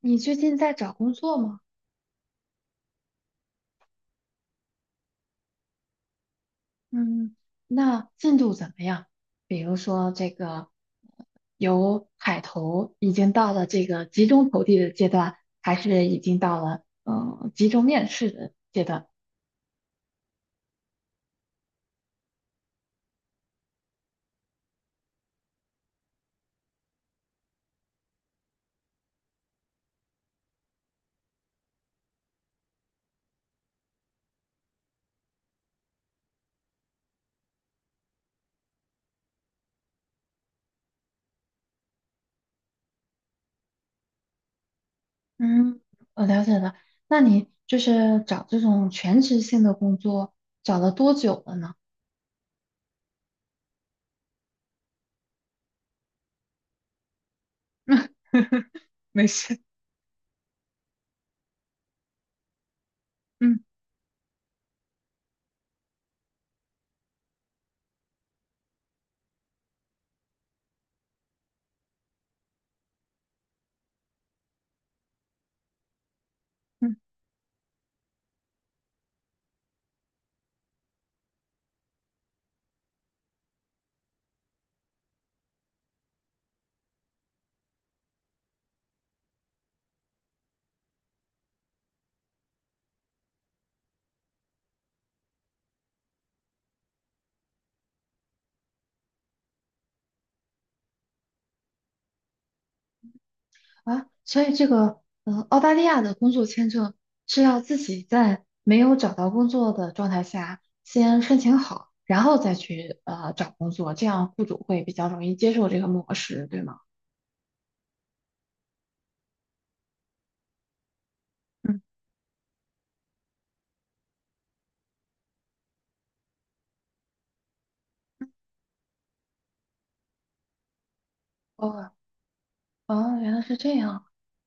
你最近在找工作吗？嗯，那进度怎么样？比如说这个由海投已经到了这个集中投递的阶段，还是已经到了集中面试的阶段？嗯，我了解了。那你就是找这种全职性的工作，找了多久了呢？没事。嗯嗯。啊，所以这个澳大利亚的工作签证是要自己在没有找到工作的状态下先申请好，然后再去找工作，这样雇主会比较容易接受这个模式，对吗？嗯，哦，哦，原来是这样，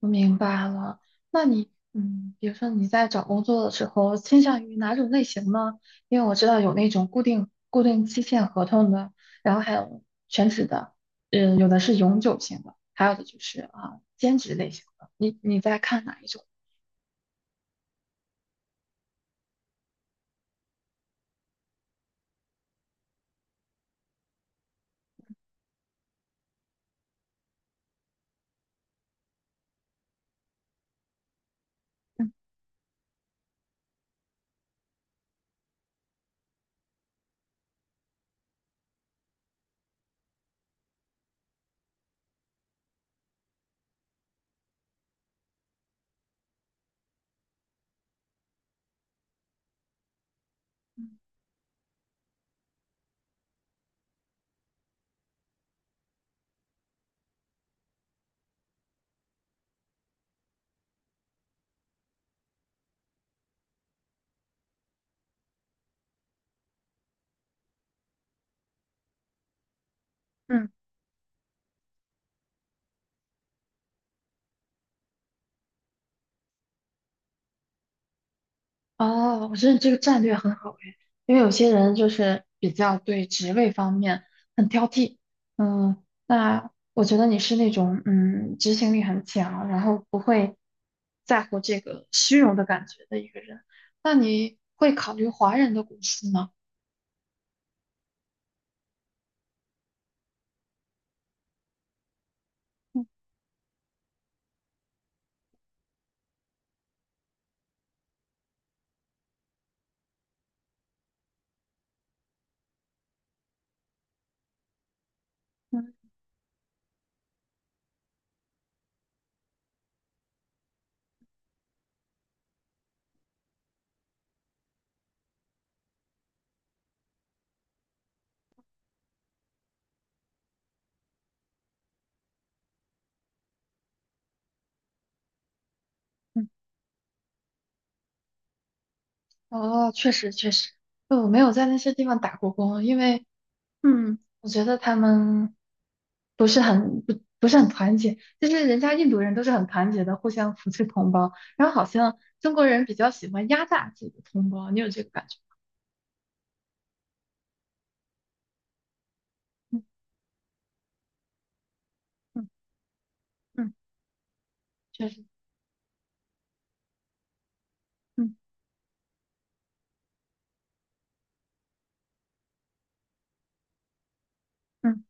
我明白了。那你，比如说你在找工作的时候，倾向于哪种类型呢？因为我知道有那种固定期限合同的，然后还有全职的，有的是永久性的，还有的就是啊，兼职类型的。你在看哪一种？嗯哦，我觉得这个战略很好诶，因为有些人就是比较对职位方面很挑剔，嗯，那我觉得你是那种执行力很强，然后不会在乎这个虚荣的感觉的一个人。那你会考虑华人的公司吗？嗯嗯，哦，确实确实，我没有在那些地方打过工，因为我觉得他们不是很团结，就是人家印度人都是很团结的，互相扶持同胞，然后好像中国人比较喜欢压榨自己的同胞，你有这个感觉？嗯嗯嗯，确实，嗯嗯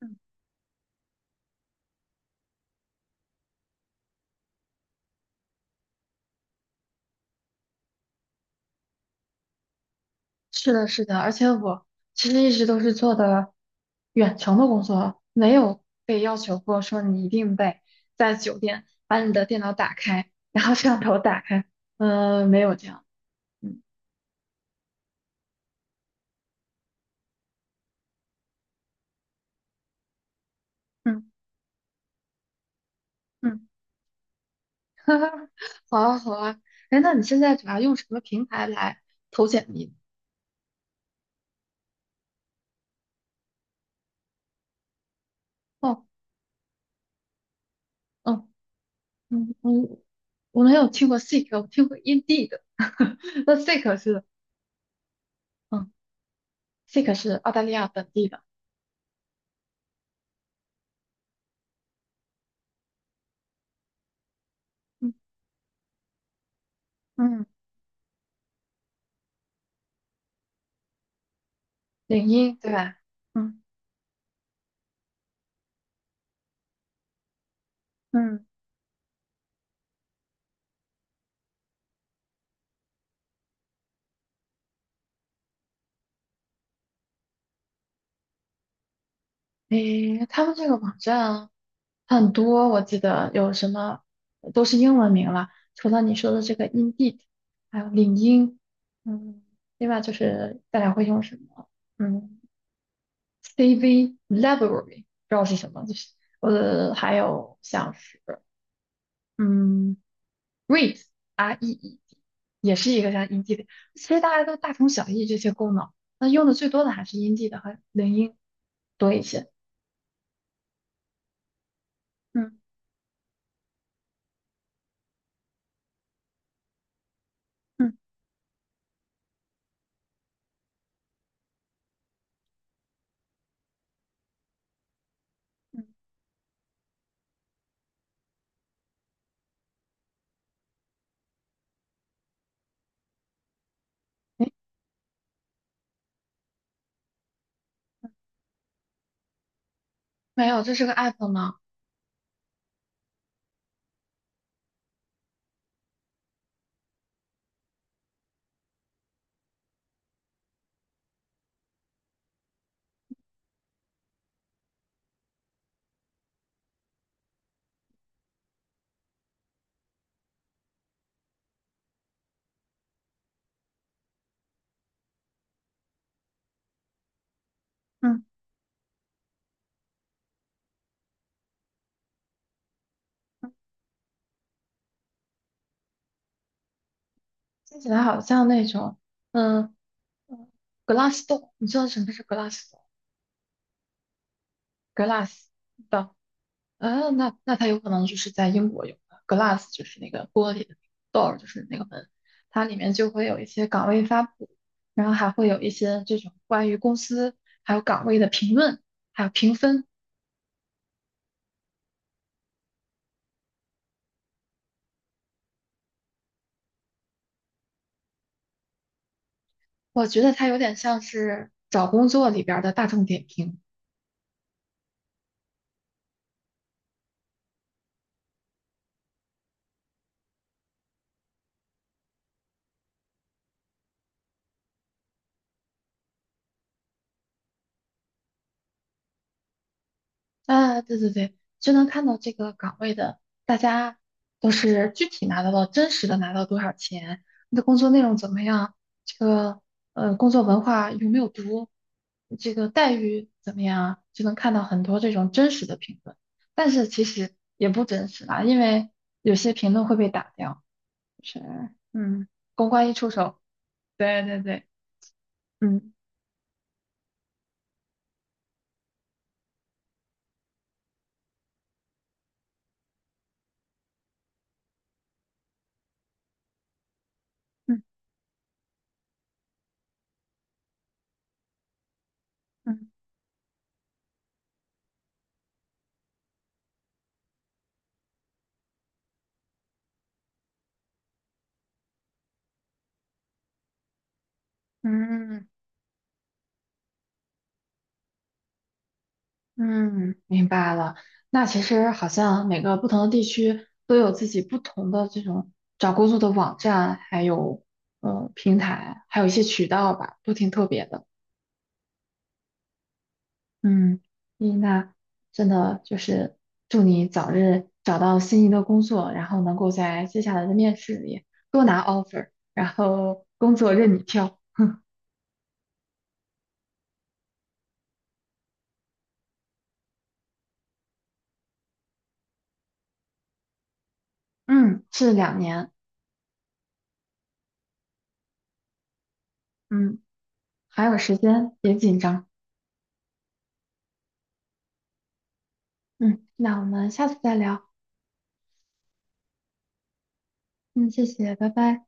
嗯，是的，是的，而且我其实一直都是做的远程的工作，没有被要求过说你一定得在酒店把你的电脑打开，然后摄像头打开，没有这样，嗯嗯嗯。哈哈，好啊，好啊。哎，那你现在主要用什么平台来投简历？哦，嗯嗯嗯，我没有听过 Seek，我听过 Indeed。那 Seek 是，嗯，Seek 是澳大利亚本地的，嗯嗯，领英对吧？嗯嗯，诶，他们这个网站很多，我记得有什么都是英文名了，除了你说的这个 Indeed，还有领英，嗯，另外就是大家会用什么？嗯。CV library，不知道是什么，就是还有像是嗯，Read Reed，也是一个像音 n 的，其实大家都大同小异这些功能，那用的最多的还是音 n 的和领音多一些。嗯嗯嗯，诶，没有，这是个 app 吗？嗯嗯，听起来好像那种嗯嗯，Glassdoor，你知道什么是 Glassdoor？Glass 的，那它有可能就是在英国有 glass 就是那个 door，就是那个门，它里面就会有一些岗位发布，然后还会有一些这种关于公司还有岗位的评论，还有评分。我觉得它有点像是找工作里边儿的大众点评。啊，对对对，就能看到这个岗位的，大家都是具体拿到了真实的拿到多少钱，你的工作内容怎么样，这个工作文化有没有毒，这个待遇怎么样啊就能看到很多这种真实的评论。但是其实也不真实啦，因为有些评论会被打掉。是，嗯，公关一出手，对对对，嗯嗯嗯嗯。嗯，明白了。那其实好像每个不同的地区都有自己不同的这种找工作的网站，还有平台，还有一些渠道吧，都挺特别的。嗯，伊娜，真的就是祝你早日找到心仪的工作，然后能够在接下来的面试里多拿 offer，然后工作任你挑。嗯，是2年。嗯，还有时间，别紧张。嗯，那我们下次再聊。嗯，谢谢，拜拜。